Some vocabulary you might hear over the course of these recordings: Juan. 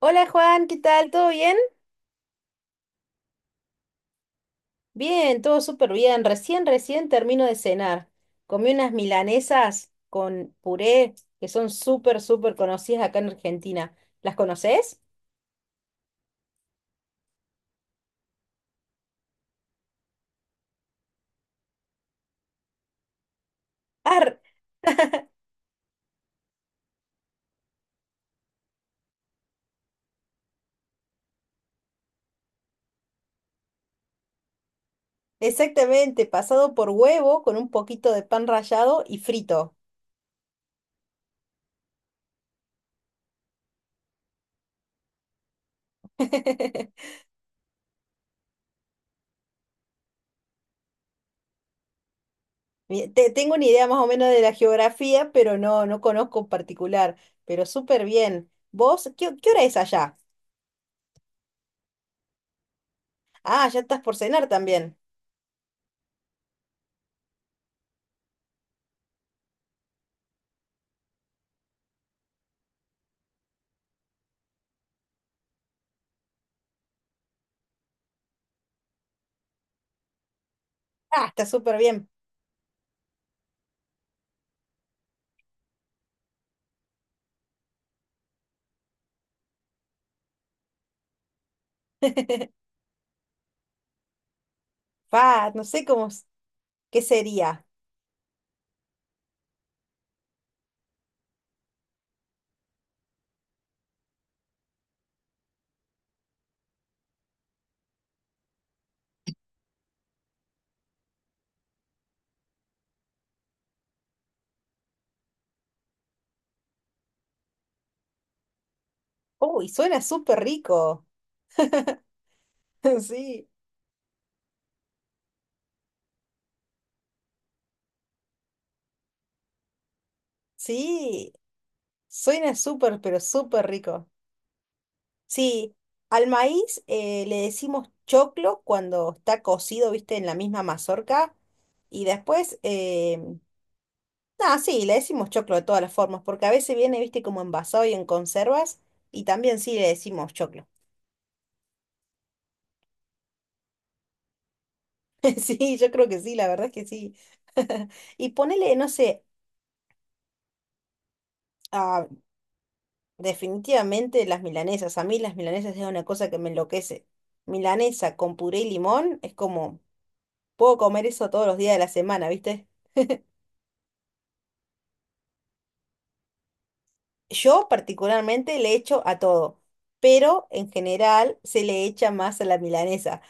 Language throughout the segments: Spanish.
Hola Juan, ¿qué tal? ¿Todo bien? Bien, todo súper bien. Recién termino de cenar. Comí unas milanesas con puré que son súper conocidas acá en Argentina. ¿Las conoces? Ah, exactamente, pasado por huevo con un poquito de pan rallado y frito. Tengo una idea más o menos de la geografía, pero no, no conozco en particular, pero súper bien. ¿Vos? ¿Qué hora es allá? Ah, ya estás por cenar también. Ah, está súper bien. Pa, no sé cómo. ¿Qué sería? Uy, suena súper rico. Sí, sí, suena súper, pero súper rico. Sí, al maíz le decimos choclo cuando está cocido, viste, en la misma mazorca. Y después, nada, sí, le decimos choclo de todas las formas, porque a veces viene, viste, como envasado y en conservas. Y también sí le decimos choclo. Sí, yo creo que sí, la verdad es que sí. Y ponele, no sé, ah, definitivamente las milanesas. A mí las milanesas es una cosa que me enloquece. Milanesa con puré y limón es como, puedo comer eso todos los días de la semana, ¿viste? Yo particularmente le echo a todo, pero en general se le echa más a la milanesa.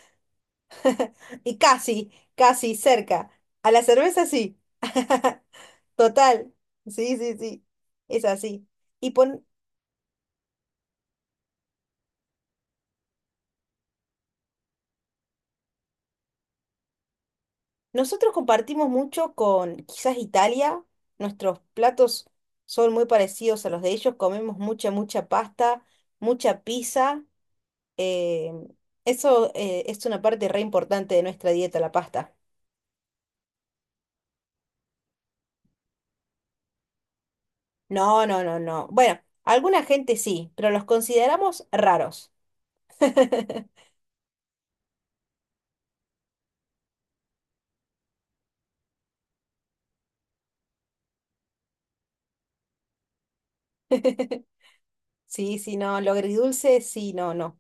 Y casi cerca. A la cerveza sí. Total. Sí, sí, sí. Es así. Y pon- Nosotros compartimos mucho con quizás Italia, nuestros platos son muy parecidos a los de ellos, comemos mucha pasta, mucha pizza, eh, eso es una parte re importante de nuestra dieta, la pasta. No, no, no, no. Bueno, alguna gente sí, pero los consideramos raros. Sí, sí, no, lo agridulce, sí, no, no.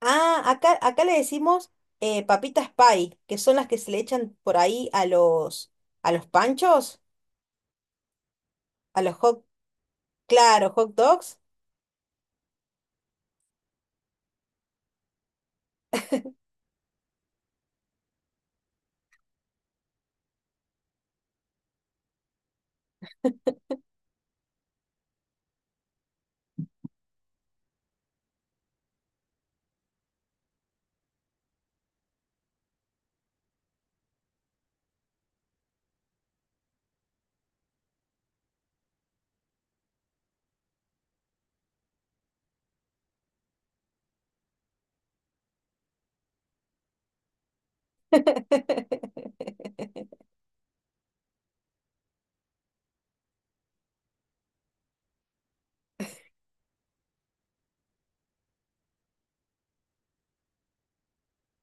Ah, acá le decimos papitas pie, que son las que se le echan por ahí a a los panchos. A los hot, claro, hot dogs.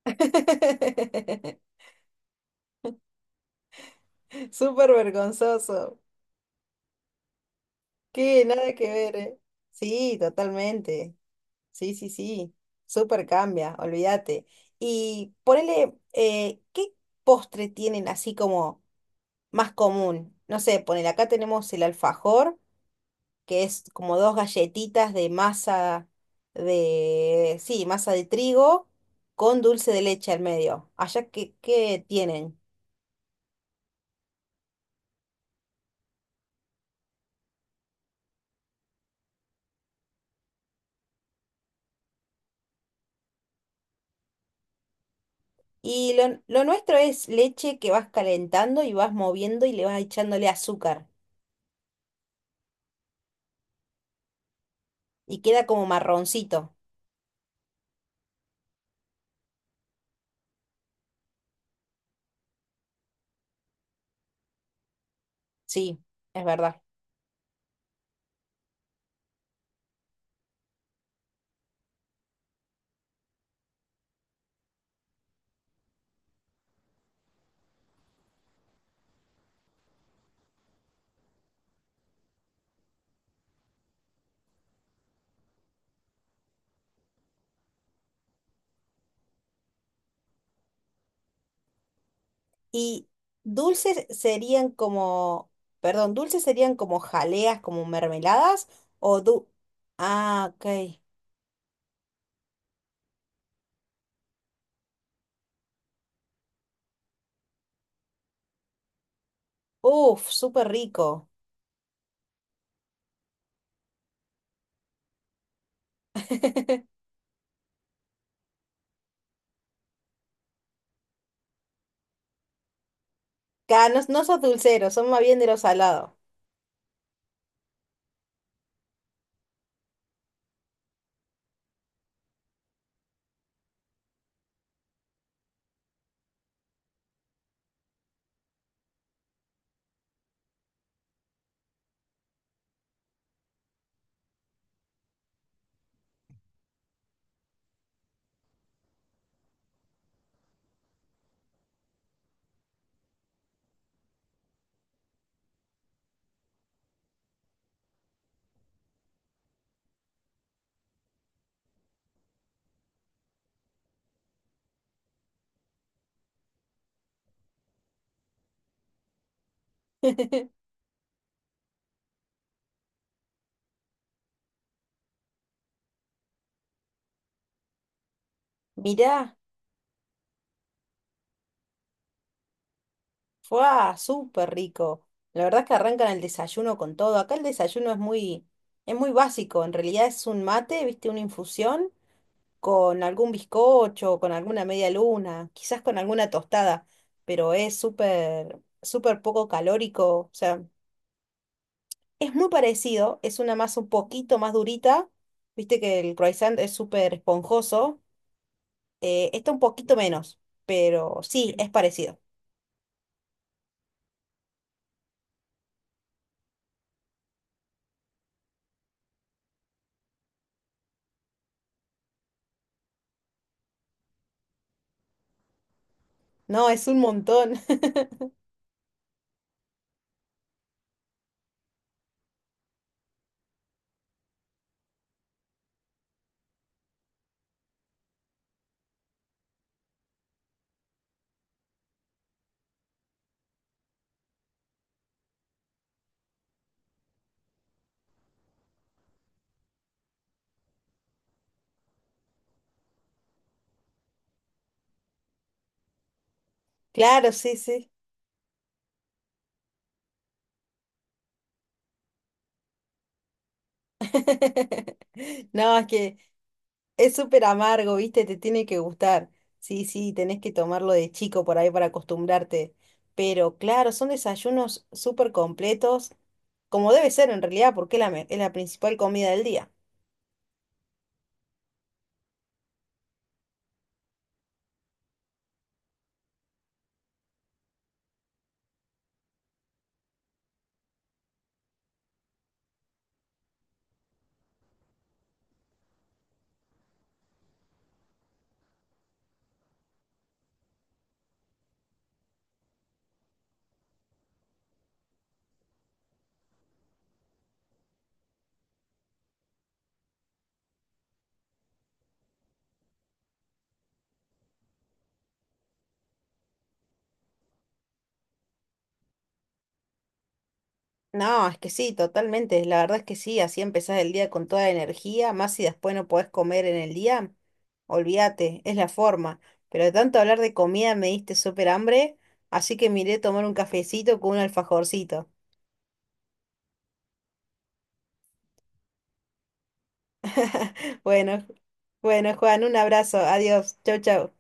Súper vergonzoso. Que nada que ver, ¿eh? Sí, totalmente. Sí, sí, sí. Súper cambia, olvídate. Y ponele, ¿qué postre tienen así como más común? No sé, ponele, acá tenemos el alfajor, que es como dos galletitas de masa de, sí, masa de trigo con dulce de leche al medio. Allá qué tienen. Y lo nuestro es leche que vas calentando y vas moviendo y le vas echándole azúcar. Y queda como marroncito. Sí, es verdad. Y dulces serían como, perdón, dulces serían como jaleas, como mermeladas o du... ah, ok. Uf, súper rico. No, no sos dulcero, son más bien de lo salado. Mirá, fue súper rico. La verdad es que arrancan el desayuno con todo. Acá el desayuno es muy básico. En realidad es un mate, viste, una infusión con algún bizcocho, con alguna media luna, quizás con alguna tostada, pero es súper poco calórico. O sea, es muy parecido, es una masa un poquito más durita. Viste que el croissant es súper esponjoso. Está un poquito menos, pero sí, es parecido. No, es un montón. Claro, sí, sí. No, es que es súper amargo, ¿viste? Te tiene que gustar. Sí, sí, tenés que tomarlo de chico por ahí para acostumbrarte. Pero claro, son desayunos súper completos, como debe ser en realidad, porque es es la principal comida del día. No, es que sí, totalmente. La verdad es que sí, así empezás el día con toda la energía, más si después no podés comer en el día, olvídate, es la forma. Pero de tanto hablar de comida me diste súper hambre, así que miré tomar un cafecito con un alfajorcito. Bueno, bueno, Juan, un abrazo, adiós, chau, chau.